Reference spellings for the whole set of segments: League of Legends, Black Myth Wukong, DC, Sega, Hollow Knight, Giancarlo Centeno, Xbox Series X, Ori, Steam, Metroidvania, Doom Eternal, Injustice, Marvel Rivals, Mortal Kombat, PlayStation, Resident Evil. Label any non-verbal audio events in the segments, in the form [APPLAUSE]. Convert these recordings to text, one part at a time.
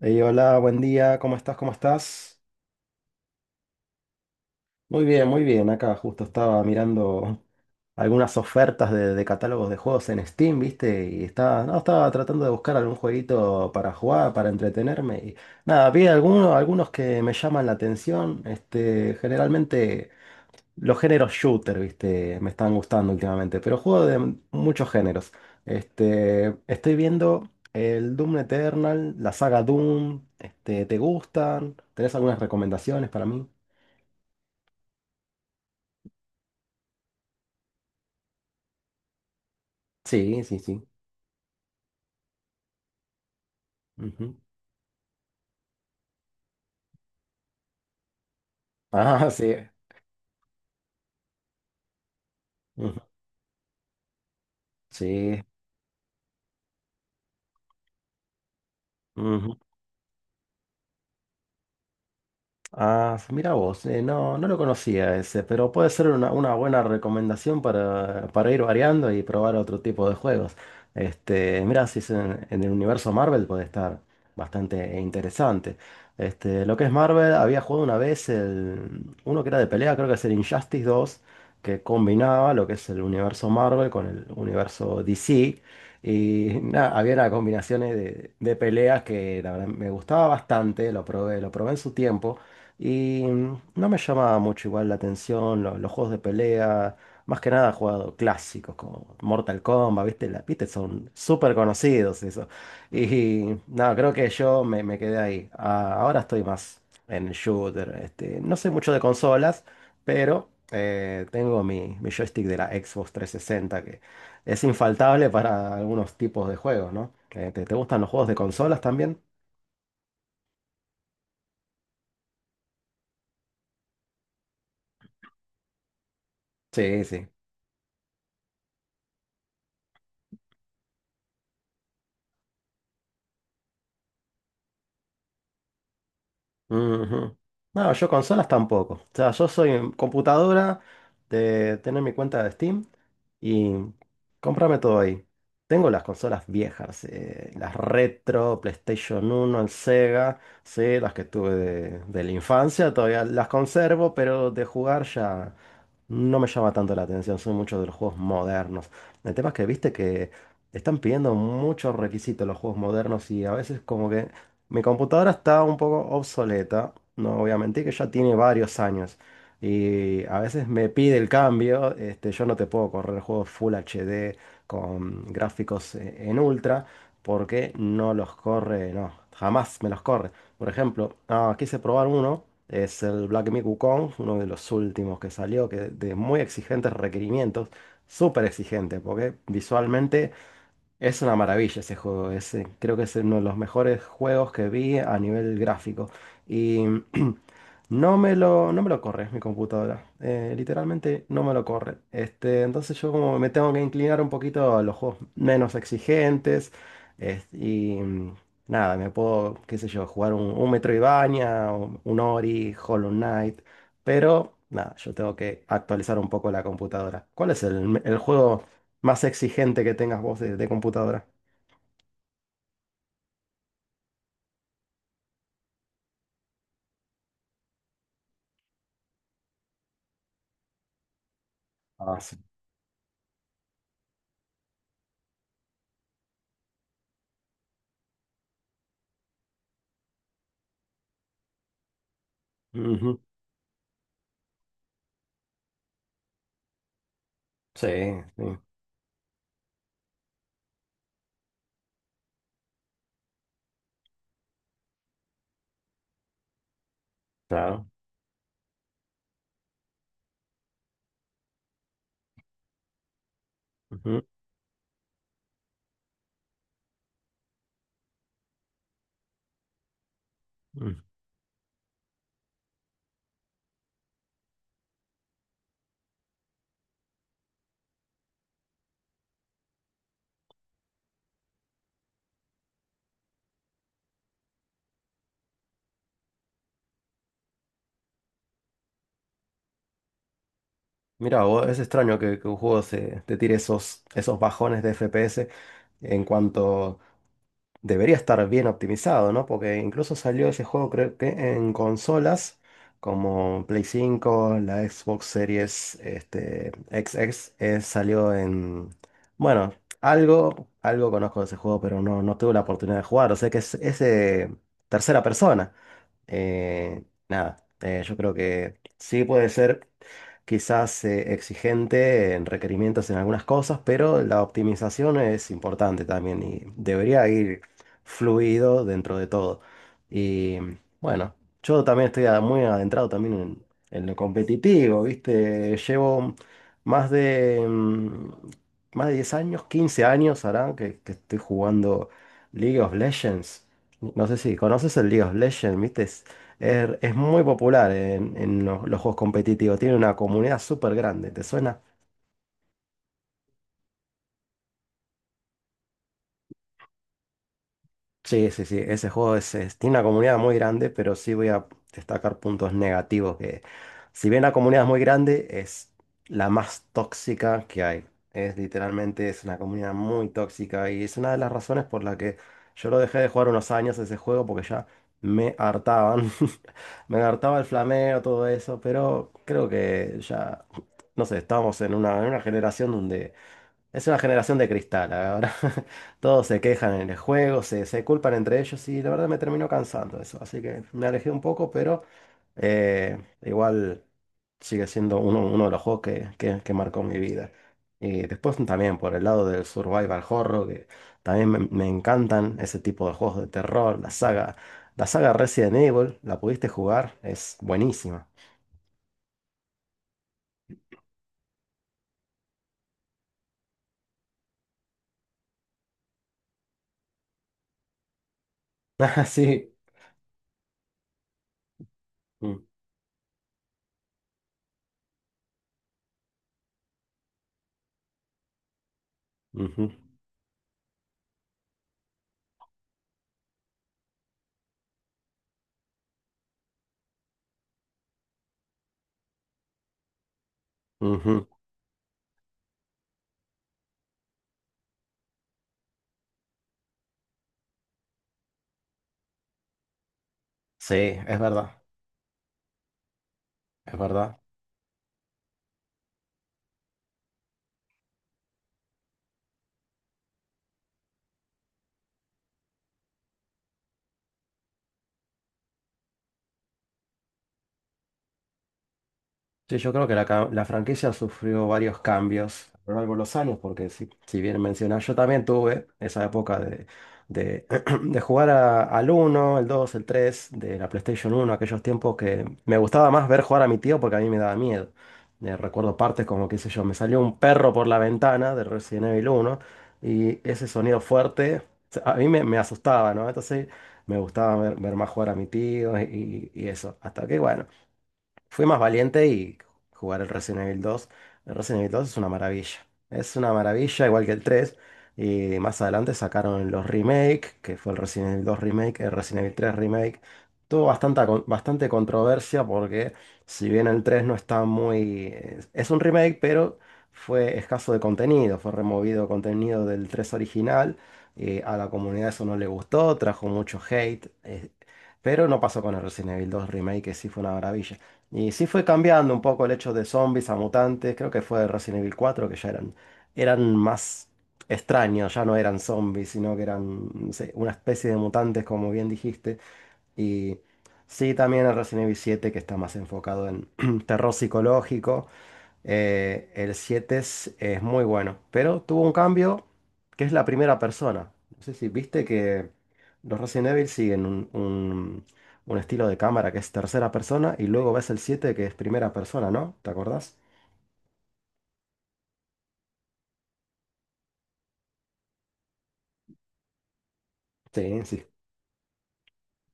Hey, hola, buen día, ¿cómo estás? ¿Cómo estás? Muy bien, muy bien. Acá justo estaba mirando algunas ofertas de catálogos de juegos en Steam, ¿viste? Y estaba, no, estaba tratando de buscar algún jueguito para jugar, para entretenerme. Y nada, vi algunos que me llaman la atención. Este, generalmente. Los géneros shooter, viste, me están gustando últimamente, pero juego de muchos géneros. Estoy viendo el Doom Eternal, la saga Doom, ¿te gustan? ¿Tenés algunas recomendaciones para mí? Sí, sí, sí. Ujú. [LAUGHS] Ah, sí. Ujú. Sí. Ah, mira vos, no, no lo conocía ese, pero puede ser una buena recomendación para ir variando y probar otro tipo de juegos. Mira, si es en el universo Marvel puede estar bastante interesante. Este, lo que es Marvel, había jugado una vez el, uno que era de pelea, creo que es el Injustice dos que combinaba lo que es el universo Marvel con el universo DC. Y nada, había unas combinaciones de peleas que la verdad me gustaba bastante, lo probé en su tiempo. Y no me llamaba mucho igual la atención los juegos de pelea. Más que nada he jugado clásicos como Mortal Kombat, ¿viste? La, ¿viste? Son súper conocidos eso. Y no, creo que yo me, me quedé ahí. Ah, ahora estoy más en el shooter. No sé mucho de consolas, pero tengo mi joystick de la Xbox 360 que es infaltable para algunos tipos de juegos, ¿no? ¿Te, te gustan los juegos de consolas también? Sí, sí. Ujú. No, yo consolas tampoco. O sea, yo soy en computadora de tener mi cuenta de Steam y cómprame todo ahí. Tengo las consolas viejas, las retro, PlayStation uno, el Sega, sí, las que tuve de la infancia, todavía las conservo, pero de jugar ya. No me llama tanto la atención, soy mucho de los juegos modernos. El tema es que viste que están pidiendo muchos requisitos los juegos modernos y a veces como que mi computadora está un poco obsoleta, no voy a mentir que ya tiene varios años y a veces me pide el cambio, yo no te puedo correr juegos Full HD con gráficos en ultra porque no los corre, no, jamás me los corre. Por ejemplo, ah, quise probar uno, es el Black Myth Wukong, uno de los últimos que salió, que de muy exigentes requerimientos, súper exigente, porque visualmente es una maravilla ese juego, es, creo que es uno de los mejores juegos que vi a nivel gráfico. Y no me lo corre mi computadora. Literalmente no me lo corre. Entonces yo como me tengo que inclinar un poquito a los juegos menos exigentes. Y nada, me puedo, qué sé yo, jugar un Metroidvania, un Ori, Hollow Knight. Pero nada, yo tengo que actualizar un poco la computadora. ¿Cuál es el juego más exigente que tengas vos de computadora? Ah, sí. Ujú. Sí, sí, claro. Ujú, ujú. Mira, vos, es extraño que un juego se, te tire esos, esos bajones de FPS en cuanto debería estar bien optimizado, ¿no? Porque incluso salió ese juego, creo que en consolas como Play 5, la Xbox Series X X, salió en... Bueno, algo conozco de ese juego, pero no, no tuve la oportunidad de jugar. O sea que es de tercera persona. Eh, nada, yo creo que sí puede ser quizás exigente en requerimientos en algunas cosas, pero la optimización es importante también y debería ir fluido dentro de todo. Y bueno, yo también estoy muy adentrado también en lo competitivo, ¿viste? Llevo más de, más de 10 años, 15 años hará que estoy jugando League of Legends. No sé si conoces el League of Legends, ¿viste? Es, es muy popular en los juegos competitivos. Tiene una comunidad súper grande. ¿Te suena? Sí, sí, sí, ese juego es, tiene una comunidad muy grande, pero sí voy a destacar puntos negativos si bien la comunidad es muy grande, es la más tóxica que hay. Es literalmente, es una comunidad muy tóxica y es una de las razones por la que yo lo dejé de jugar unos años ese juego porque ya me hartaban. [LAUGHS] Me hartaba el flameo, todo eso, pero creo que ya, no sé, estamos en una generación donde es una generación de cristal, ahora [LAUGHS] todos se quejan en el juego, se culpan entre ellos y la verdad me terminó cansando eso, así que me alejé un poco, pero igual sigue siendo uno, uno de los juegos que marcó mi vida. Y después también por el lado del survival horror, que también me encantan ese tipo de juegos de terror, la saga Resident Evil, la pudiste jugar, es buenísima. [LAUGHS] Ah, sí. Mm, ujú, ujú. Sí, es verdad, es verdad. Sí, yo creo que la franquicia sufrió varios cambios a lo largo de los años, porque si, si bien mencionas, yo también tuve esa época de, [CLEARS THROAT] de jugar al uno, el 2, el 3 de la PlayStation uno, aquellos tiempos que me gustaba más ver jugar a mi tío porque a mí me daba miedo. Recuerdo partes como, qué sé yo, me salió un perro por la ventana de Resident Evil uno y ese sonido fuerte a mí me, me asustaba, ¿no? Entonces me gustaba ver, ver más jugar a mi tío y eso. Hasta que, bueno. Fui más valiente y jugar el Resident Evil dos. El Resident Evil dos es una maravilla. Es una maravilla, igual que el tres. Y más adelante sacaron los remake, que fue el Resident Evil dos remake, el Resident Evil tres remake. Tuvo bastante controversia porque si bien el 3 no está muy... Es un remake, pero fue escaso de contenido. Fue removido contenido del 3 original. A la comunidad eso no le gustó, trajo mucho hate. Pero no pasó con el Resident Evil dos remake, que sí fue una maravilla. Y sí fue cambiando un poco el hecho de zombies a mutantes. Creo que fue Resident Evil 4 que ya eran más extraños, ya no eran zombies, sino que eran, no sé, una especie de mutantes, como bien dijiste. Y sí, también el Resident Evil 7 que está más enfocado en [CLEARS THROAT] terror psicológico. El 7 es muy bueno, pero tuvo un cambio que es la primera persona. No sé si viste que los Resident Evil siguen un estilo de cámara que es tercera persona y luego ves el 7 que es primera persona, ¿no? ¿Te acordás? Sí, sí.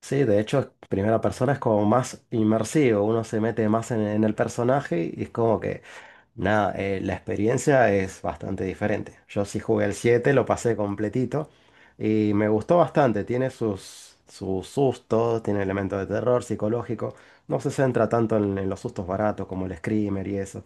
Sí, de hecho, primera persona es como más inmersivo, uno se mete más en el personaje y es como que nada, la experiencia es bastante diferente. Yo sí jugué el 7, lo pasé completito y me gustó bastante. Tiene sus sustos, tiene elementos de terror psicológico. No se centra tanto en los sustos baratos como el Screamer y eso.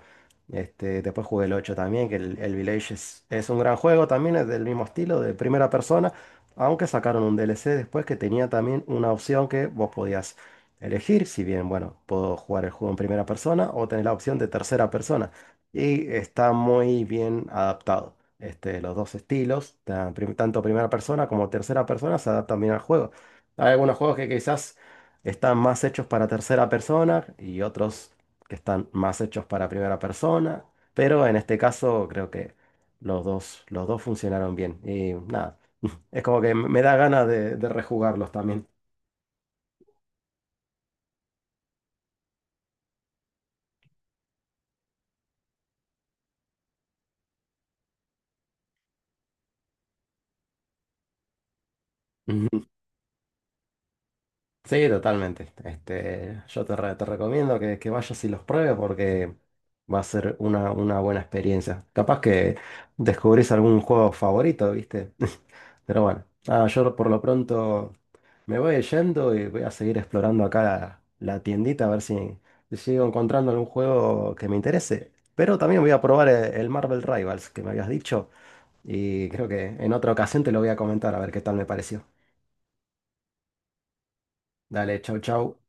Después jugué el 8 también, que el Village es un gran juego también, es del mismo estilo, de primera persona, aunque sacaron un DLC después que tenía también una opción que vos podías elegir, si bien, bueno, puedo jugar el juego en primera persona o tener la opción de tercera persona. Y está muy bien adaptado. Este, los dos estilos, tanto primera persona como tercera persona, se adaptan bien al juego. Hay algunos juegos que quizás están más hechos para tercera persona y otros que están más hechos para primera persona. Pero en este caso creo que los dos funcionaron bien. Y nada, [LAUGHS] es como que me da ganas de rejugarlos también. Sí, totalmente. Yo te recomiendo que vayas y los pruebes porque va a ser una buena experiencia. Capaz que descubrís algún juego favorito, ¿viste? [LAUGHS] Pero bueno, nada, yo por lo pronto me voy yendo y voy a seguir explorando acá la tiendita a ver si si sigo encontrando algún juego que me interese. Pero también voy a probar el Marvel Rivals que me habías dicho y creo que en otra ocasión te lo voy a comentar a ver qué tal me pareció. Dale, chau, chau.